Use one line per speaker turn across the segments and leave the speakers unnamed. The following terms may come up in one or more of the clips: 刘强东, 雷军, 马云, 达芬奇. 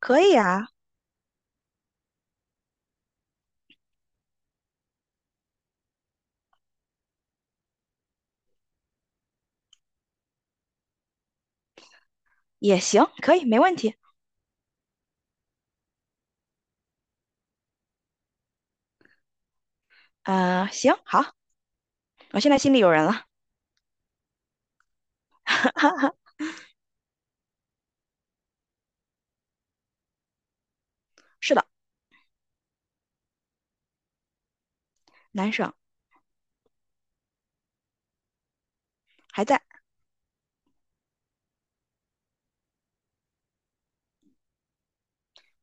可以啊，也行，可以，没问题。行，好，我现在心里有人了。是的，男生，还在。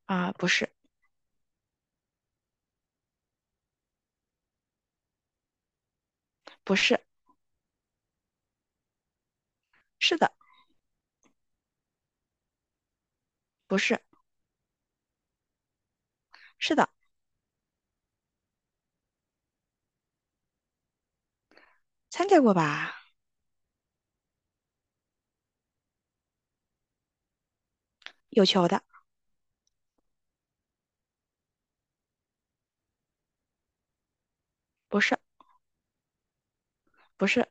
啊、不是，不是，是的，不是，是的，参加过吧？有球的，不是，不是，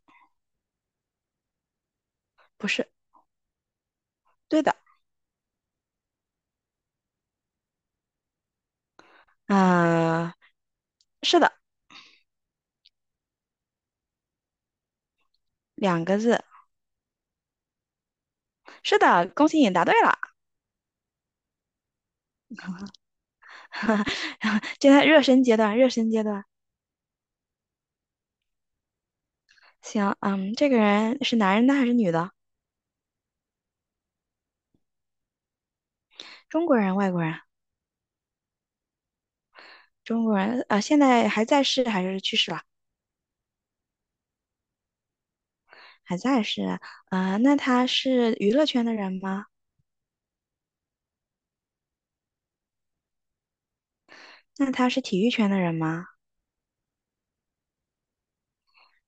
不是，对的，嗯、是的，2个字，是的，恭喜你答对了。现在热身阶段，热身阶段。行，嗯，这个人是男人的还是女的？中国人，外国人？中国人，现在还在世还是去世了？还在是啊，那他是娱乐圈的人吗？那他是体育圈的人吗？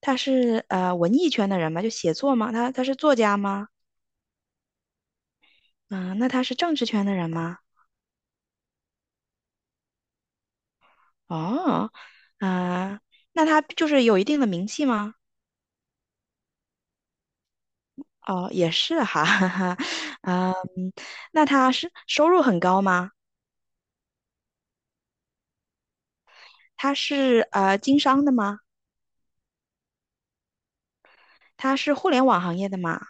他是文艺圈的人吗？就写作吗？他是作家吗？嗯、那他是政治圈的人吗？哦，啊、那他就是有一定的名气吗？哦，也是哈，哈哈，嗯，那他是收入很高吗？他是经商的吗？他是互联网行业的吗？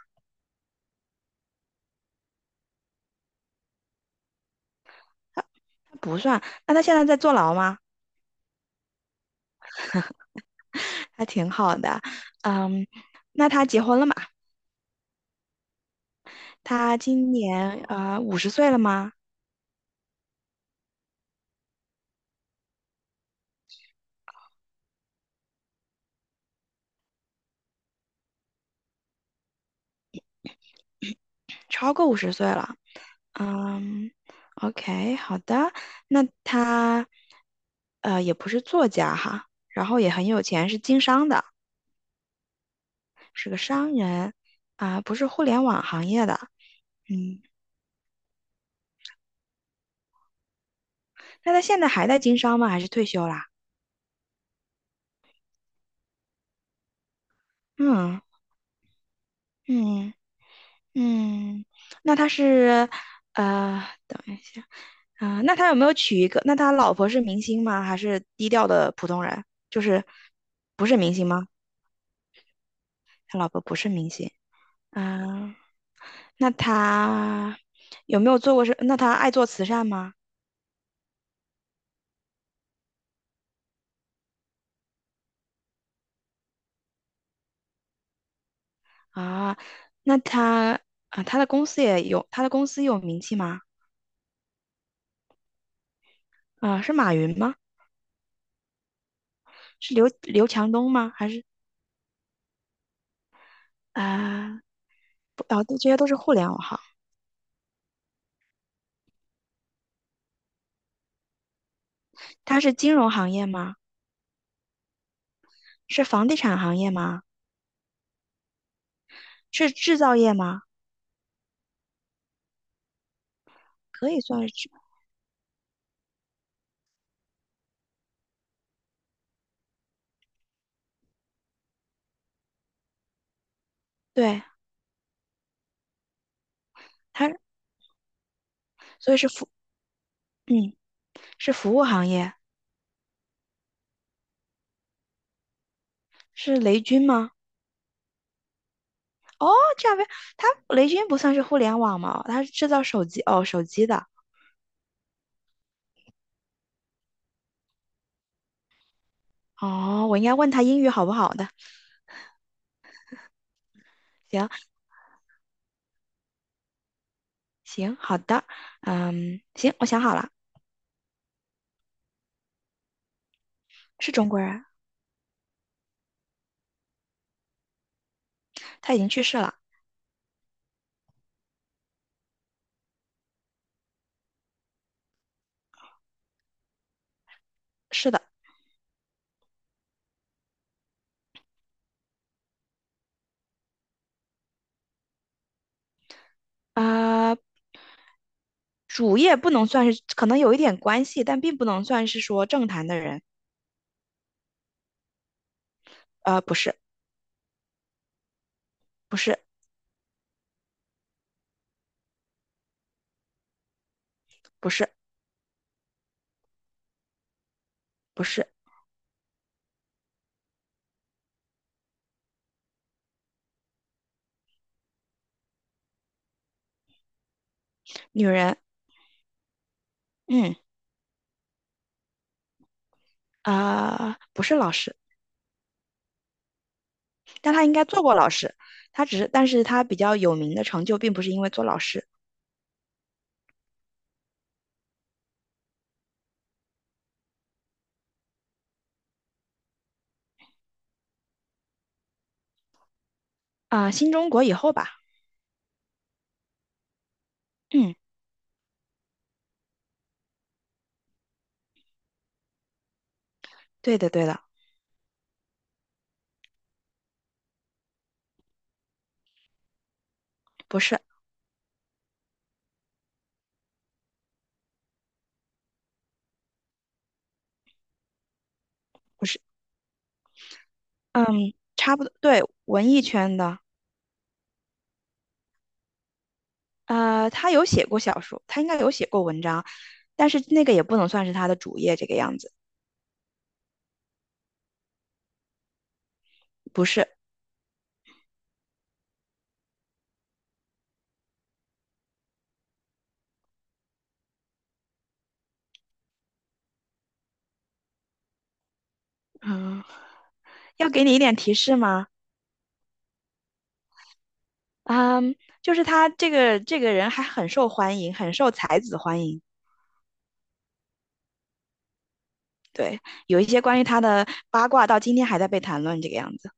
他不算，那他现在在坐牢吗？还挺好的，嗯，那他结婚了吗？他今年五十岁了吗？超过五十岁了。嗯，OK，好的。那他也不是作家哈，然后也很有钱，是经商的，是个商人啊，不是互联网行业的。嗯，那他现在还在经商吗？还是退休啦？嗯嗯。嗯，那他是，等一下，啊、那他有没有娶一个？那他老婆是明星吗？还是低调的普通人？就是不是明星吗？他老婆不是明星啊、那他有没有做过是？那他爱做慈善吗？啊，那他啊，他的公司也有，他的公司有名气吗？啊，是马云吗？是刘强东吗？还是啊？不啊，这些都是互联网行。他是金融行业吗？是房地产行业吗？是制造业吗？可以算是制，对，它，所以是服，嗯，是服务行业，是雷军吗？哦，这样呗，他雷军不算是互联网吗？他是制造手机，哦，手机的，哦，我应该问他英语好不好的。行行，好的，嗯，行，我想好了，是中国人，他已经去世了，是的，啊、主业不能算是，可能有一点关系，但并不能算是说政坛的人，不是，不是，不是，不是。女人，嗯，啊、不是老师，但她应该做过老师。她只是，但是她比较有名的成就，并不是因为做老师。啊、新中国以后吧，嗯，对的，对的，不是，不是，嗯，差不多，对，文艺圈的。她有写过小说，她应该有写过文章，但是那个也不能算是她的主业，这个样子，不是。嗯，要给你一点提示吗？嗯，就是他这个人还很受欢迎，很受才子欢迎。对，有一些关于他的八卦到今天还在被谈论，这个样子，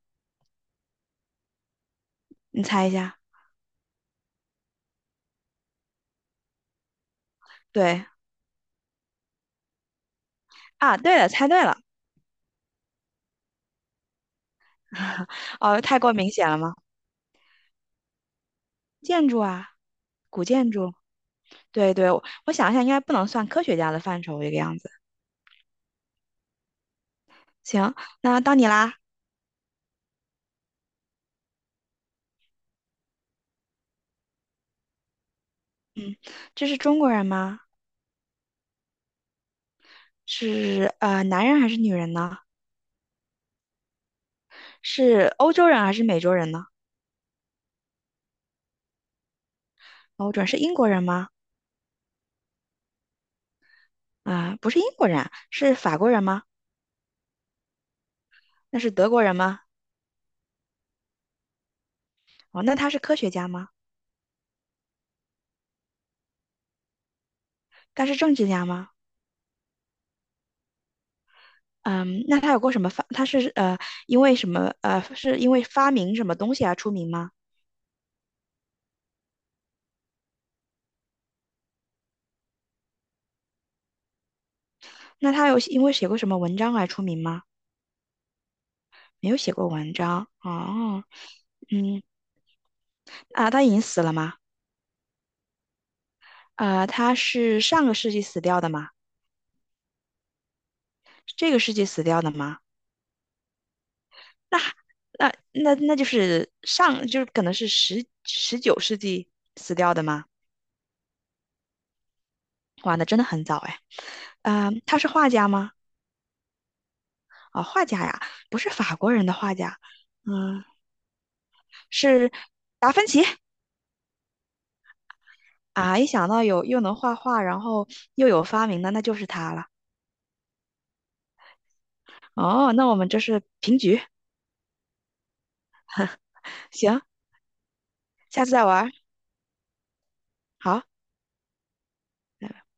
你猜一下？对啊，对了，猜对了，哦，太过明显了吗？建筑啊，古建筑，对对，我想一下，应该不能算科学家的范畴，这个样子。行，那到你啦，这是中国人吗？男人还是女人呢？是欧洲人还是美洲人呢？欧洲人是英国人吗？啊、不是英国人啊是法国人吗？那是德国人吗？哦，那他是科学家吗？他是政治家吗？嗯，那他有过什么发？他是因为什么是因为发明什么东西而出名吗？那他有因为写过什么文章而出名吗？没有写过文章哦，嗯啊，他已经死了吗？啊，他是上个世纪死掉的吗？这个世纪死掉的吗？那那就是上就是可能是十九世纪死掉的吗？哇，那真的很早哎。嗯，他是画家吗？啊、画家呀，不是法国人的画家。嗯。是达芬奇啊！一想到有又能画画，然后又有发明的，那就是他了。哦，那我们这是平局，行，下次再玩儿，好。拜拜。